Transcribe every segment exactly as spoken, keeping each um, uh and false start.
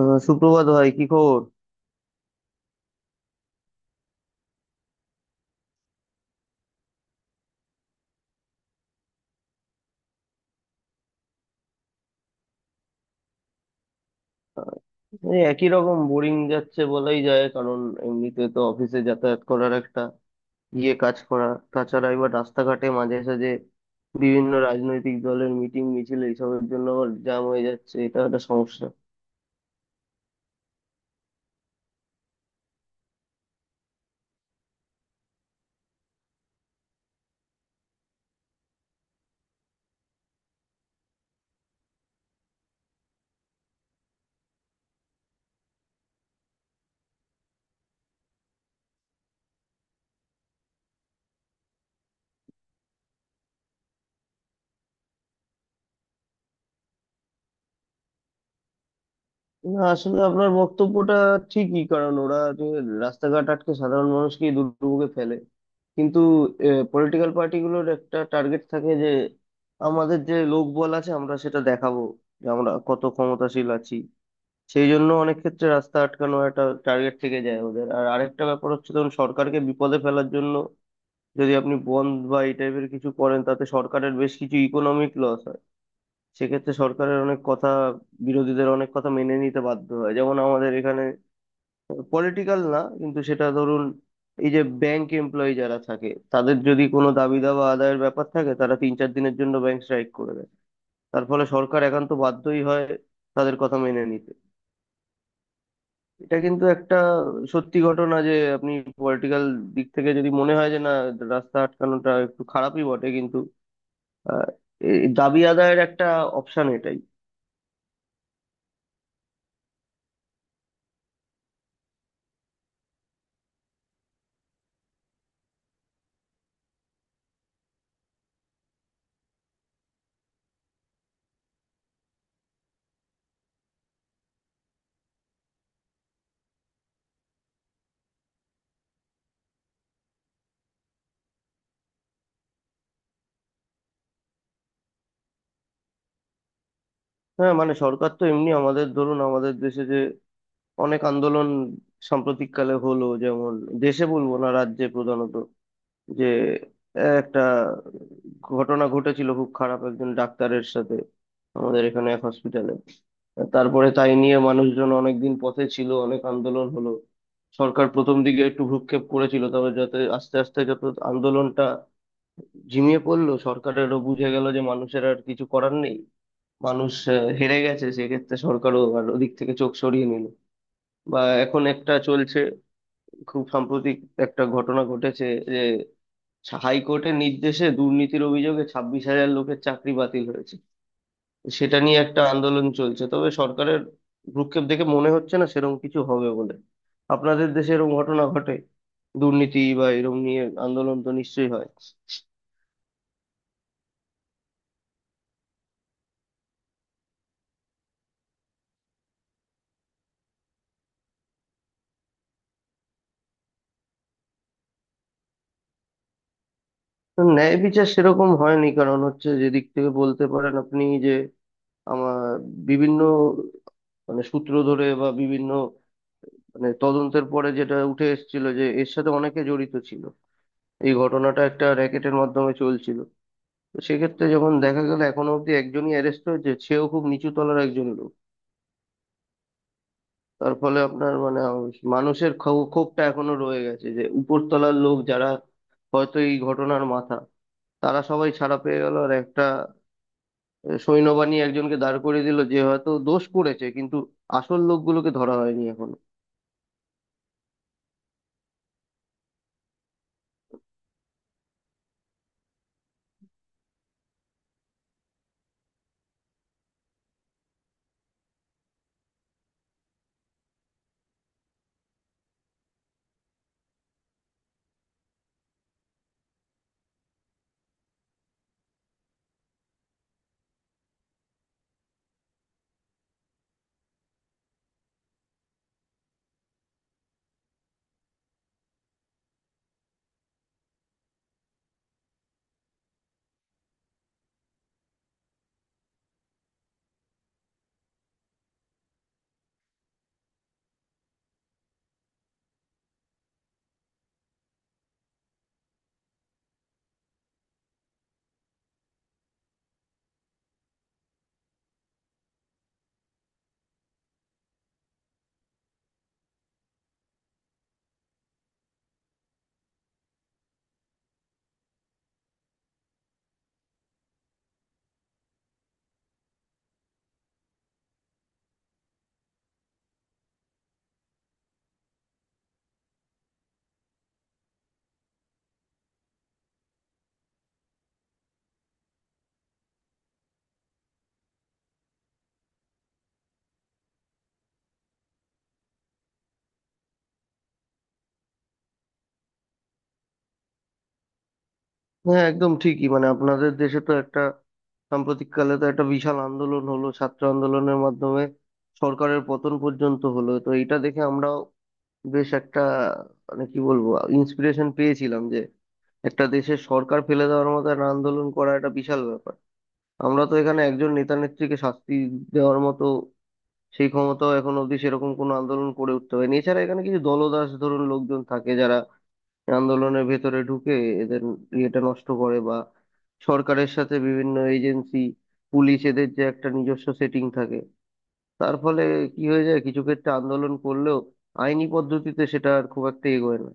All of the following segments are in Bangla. আহ, সুপ্রভাত ভাই, কি খবর? আহ, এই একই রকম বোরিং যাচ্ছে বলাই যায়, কারণ এমনিতে তো অফিসে যাতায়াত করার একটা, গিয়ে কাজ করা, তাছাড়া এবার রাস্তাঘাটে মাঝে সাঝে বিভিন্ন রাজনৈতিক দলের মিটিং মিছিল এইসবের জন্য আবার জ্যাম হয়ে যাচ্ছে, এটা একটা সমস্যা। না, আসলে আপনার বক্তব্যটা ঠিকই, কারণ ওরা যে রাস্তাঘাট আটকে সাধারণ মানুষকে দুর্ভোগে ফেলে, কিন্তু পলিটিক্যাল পার্টিগুলোর একটা টার্গেট থাকে যে আমাদের যে লোকবল আছে আমরা সেটা দেখাবো, যে আমরা কত ক্ষমতাশীল আছি। সেই জন্য অনেক ক্ষেত্রে রাস্তা আটকানো একটা টার্গেট থেকে যায় ওদের। আর আরেকটা ব্যাপার হচ্ছে, ধরুন সরকারকে বিপদে ফেলার জন্য যদি আপনি বন্ধ বা এই টাইপের কিছু করেন, তাতে সরকারের বেশ কিছু ইকোনমিক লস। সেক্ষেত্রে সরকারের অনেক কথা, বিরোধীদের অনেক কথা মেনে নিতে বাধ্য হয়। যেমন আমাদের এখানে পলিটিক্যাল না, কিন্তু সেটা ধরুন, এই যে ব্যাংক এমপ্লয়ি যারা থাকে, তাদের যদি কোনো দাবি দাওয়া আদায়ের ব্যাপার থাকে, তারা তিন চার দিনের জন্য ব্যাংক স্ট্রাইক করে দেয়। তার ফলে সরকার একান্ত বাধ্যই হয় তাদের কথা মেনে নিতে। এটা কিন্তু একটা সত্যি ঘটনা যে আপনি পলিটিক্যাল দিক থেকে যদি মনে হয় যে না, রাস্তা আটকানোটা একটু খারাপই বটে, কিন্তু আহ, এই দাবি আদায়ের একটা অপশন এটাই। হ্যাঁ, মানে সরকার তো এমনি, আমাদের ধরুন আমাদের দেশে যে অনেক আন্দোলন সাম্প্রতিককালে হলো, যেমন দেশে বলবো না, রাজ্যে প্রধানত, যে একটা ঘটনা ঘটেছিল খুব খারাপ, একজন ডাক্তারের সাথে আমাদের এখানে এক হসপিটালে। তারপরে তাই নিয়ে মানুষজন অনেকদিন পথে ছিল, অনেক আন্দোলন হলো। সরকার প্রথম দিকে একটু ভ্রুক্ষেপ করেছিল, তবে যাতে আস্তে আস্তে যত আন্দোলনটা ঝিমিয়ে পড়লো, সরকারেরও বুঝে গেল যে মানুষের আর কিছু করার নেই, মানুষ আহ, হেরে গেছে, সেক্ষেত্রে সরকারও আর ওদিক থেকে চোখ সরিয়ে নিল। বা এখন একটা চলছে, খুব সাম্প্রতিক একটা ঘটনা ঘটেছে, যে হাইকোর্টের নির্দেশে দুর্নীতির অভিযোগে ছাব্বিশ হাজার লোকের চাকরি বাতিল হয়েছে। সেটা নিয়ে একটা আন্দোলন চলছে, তবে সরকারের ভ্রুক্ষেপ দেখে মনে হচ্ছে না সেরকম কিছু হবে বলে। আপনাদের দেশে এরকম ঘটনা ঘটে? দুর্নীতি বা এরকম নিয়ে আন্দোলন তো নিশ্চয়ই হয়। তো ন্যায় বিচার সেরকম হয়নি, কারণ হচ্ছে যেদিক থেকে বলতে পারেন আপনি, আমার বিভিন্ন মানে সূত্র ধরে বা বিভিন্ন মানে তদন্তের পরে যেটা উঠে এসেছিল যে এর সাথে অনেকে জড়িত ছিল, এই ঘটনাটা একটা র্যাকেটের মাধ্যমে চলছিল। তো সেক্ষেত্রে যখন দেখা গেল এখনো অব্দি একজনই অ্যারেস্ট হয়েছে, সেও খুব নিচু তলার একজন লোক। তার ফলে আপনার মানে মানুষের ক্ষো- ক্ষোভটা এখনো রয়ে গেছে যে উপরতলার লোক যারা হয়তো এই ঘটনার মাথা, তারা সবাই ছাড়া পেয়ে গেল, আর একটা সৈন্যবাহিনী একজনকে দাঁড় করিয়ে দিল যে হয়তো দোষ করেছে, কিন্তু আসল লোকগুলোকে ধরা হয়নি এখনো। হ্যাঁ, একদম ঠিকই, মানে আপনাদের দেশে তো একটা সাম্প্রতিককালে তো একটা বিশাল আন্দোলন হলো, ছাত্র আন্দোলনের মাধ্যমে সরকারের পতন পর্যন্ত হলো। তো এটা দেখে আমরাও বেশ একটা, মানে কি বলবো, ইন্সপিরেশন পেয়েছিলাম যে একটা দেশের সরকার ফেলে দেওয়ার মতো একটা আন্দোলন করা একটা বিশাল ব্যাপার। আমরা তো এখানে একজন নেতা নেত্রীকে শাস্তি দেওয়ার মতো সেই ক্ষমতাও এখন অবধি সেরকম কোনো আন্দোলন করে উঠতে হয়নি। এছাড়া এখানে কিছু দলদাস ধরুন লোকজন থাকে যারা আন্দোলনের ভেতরে ঢুকে এদের ইয়েটা নষ্ট করে, বা সরকারের সাথে বিভিন্ন এজেন্সি, পুলিশ এদের যে একটা নিজস্ব সেটিং থাকে, তার ফলে কি হয়ে যায় কিছু ক্ষেত্রে আন্দোলন করলেও আইনি পদ্ধতিতে সেটা আর খুব একটা এগোয় না।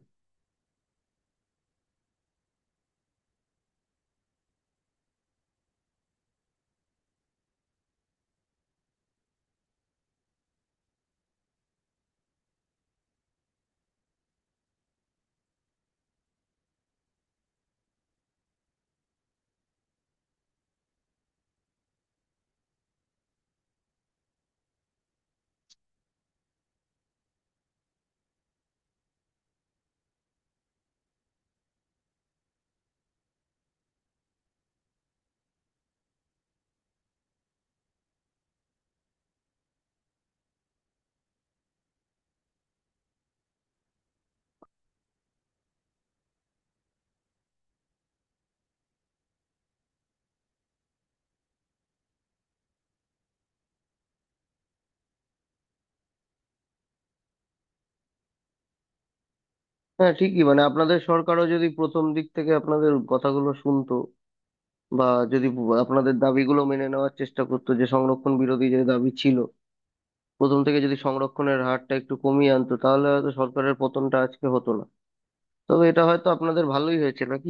হ্যাঁ, ঠিকই, মানে আপনাদের সরকারও যদি প্রথম দিক থেকে আপনাদের কথাগুলো শুনতো, বা যদি আপনাদের দাবিগুলো মেনে নেওয়ার চেষ্টা করতো, যে সংরক্ষণ বিরোধী যে দাবি ছিল, প্রথম থেকে যদি সংরক্ষণের হারটা একটু কমিয়ে আনতো, তাহলে হয়তো সরকারের পতনটা আজকে হতো না। তবে এটা হয়তো আপনাদের ভালোই হয়েছে, নাকি?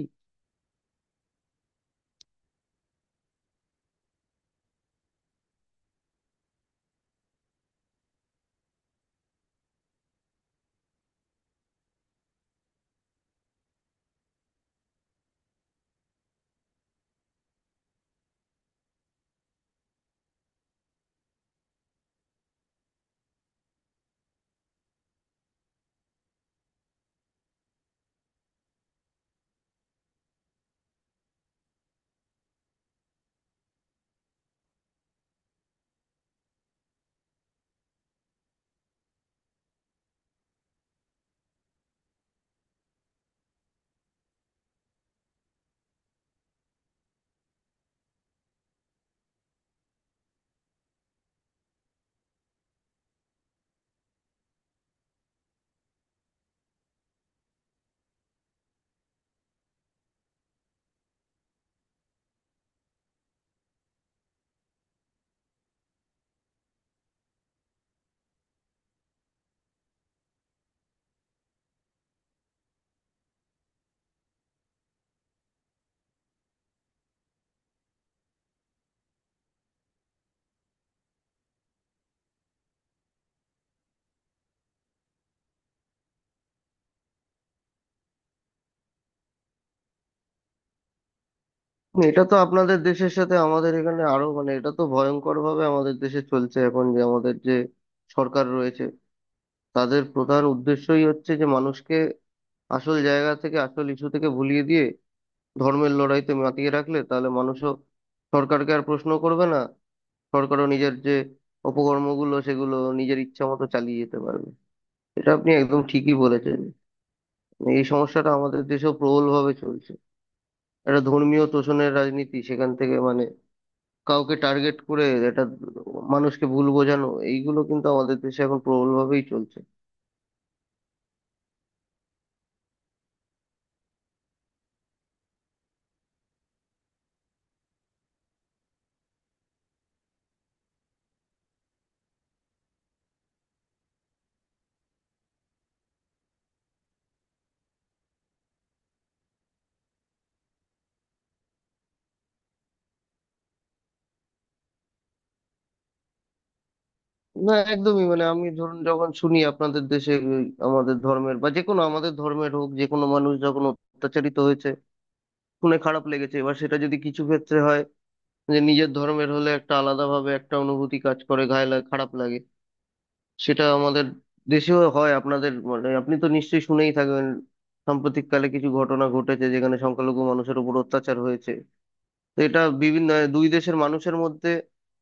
এটা তো আপনাদের দেশের সাথে আমাদের এখানে আরো, মানে এটা তো ভয়ঙ্কর ভাবে আমাদের দেশে চলছে এখন। যে আমাদের যে সরকার রয়েছে, তাদের প্রধান উদ্দেশ্যই হচ্ছে যে মানুষকে আসল জায়গা থেকে, আসল ইস্যু থেকে ভুলিয়ে দিয়ে ধর্মের লড়াইতে মাতিয়ে রাখলে তাহলে মানুষও সরকারকে আর প্রশ্ন করবে না, সরকারও নিজের যে অপকর্মগুলো সেগুলো নিজের ইচ্ছা মতো চালিয়ে যেতে পারবে। এটা আপনি একদম ঠিকই বলেছেন। এই সমস্যাটা আমাদের দেশেও প্রবলভাবে চলছে, একটা ধর্মীয় তোষণের রাজনীতি। সেখান থেকে মানে কাউকে টার্গেট করে, এটা মানুষকে ভুল বোঝানো, এইগুলো কিন্তু আমাদের দেশে এখন প্রবলভাবেই চলছে। না, একদমই, মানে আমি ধরুন যখন শুনি আপনাদের দেশে ওই আমাদের ধর্মের বা যে কোনো, আমাদের ধর্মের হোক যে কোনো মানুষ, যখন অত্যাচারিত হয়েছে শুনে খারাপ লেগেছে। এবার সেটা যদি কিছু ক্ষেত্রে হয় যে নিজের ধর্মের হলে একটা আলাদাভাবে একটা অনুভূতি কাজ করে, গায়ে লাগে, খারাপ লাগে, সেটা আমাদের দেশেও হয়। আপনাদের মানে আপনি তো নিশ্চয়ই শুনেই থাকবেন সাম্প্রতিককালে কিছু ঘটনা ঘটেছে যেখানে সংখ্যালঘু মানুষের উপর অত্যাচার হয়েছে। তো এটা বিভিন্ন দুই দেশের মানুষের মধ্যে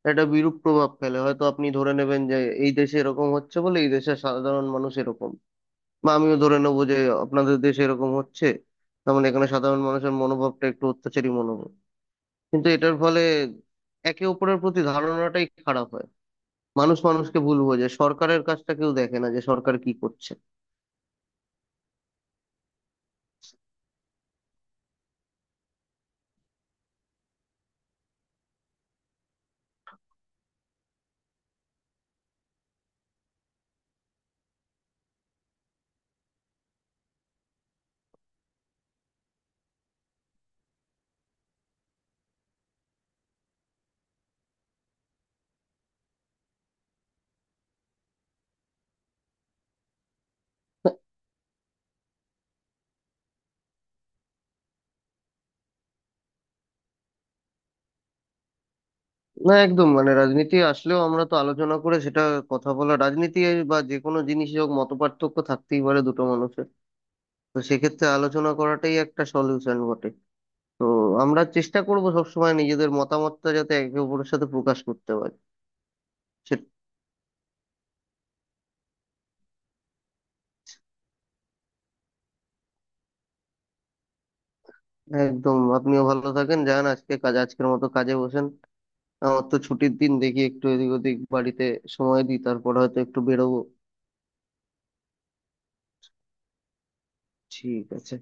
একটা বিরূপ প্রভাব ফেলে। হয়তো আপনি ধরে নেবেন যে এই দেশে এরকম হচ্ছে বলে এই দেশের সাধারণ মানুষ এরকম, বা আমিও ধরে নেবো যে আপনাদের দেশে এরকম হচ্ছে, তার মানে এখানে সাধারণ মানুষের মনোভাবটা একটু অত্যাচারী মনোভাব। কিন্তু এটার ফলে একে অপরের প্রতি ধারণাটাই খারাপ হয়, মানুষ মানুষকে ভুল বোঝে, সরকারের কাজটা কেউ দেখে না যে সরকার কি করছে। না, একদম, মানে রাজনীতি আসলেও আমরা তো আলোচনা করে সেটা, কথা বলা, রাজনীতি বা যে কোনো জিনিসই হোক মতপার্থক্য থাকতেই পারে দুটো মানুষের। তো সেক্ষেত্রে আলোচনা করাটাই একটা সলিউশন বটে। তো আমরা চেষ্টা করব সবসময় নিজেদের মতামতটা যাতে একে অপরের সাথে প্রকাশ করতে পারি। সে- একদম, আপনিও ভালো থাকেন, যান আজকে কাজ, আজকের মতো কাজে বসেন। আমার তো ছুটির দিন, দেখি একটু এদিক ওদিক বাড়িতে সময় দিই, তারপর হয়তো একটু বেরোবো। ঠিক আছে।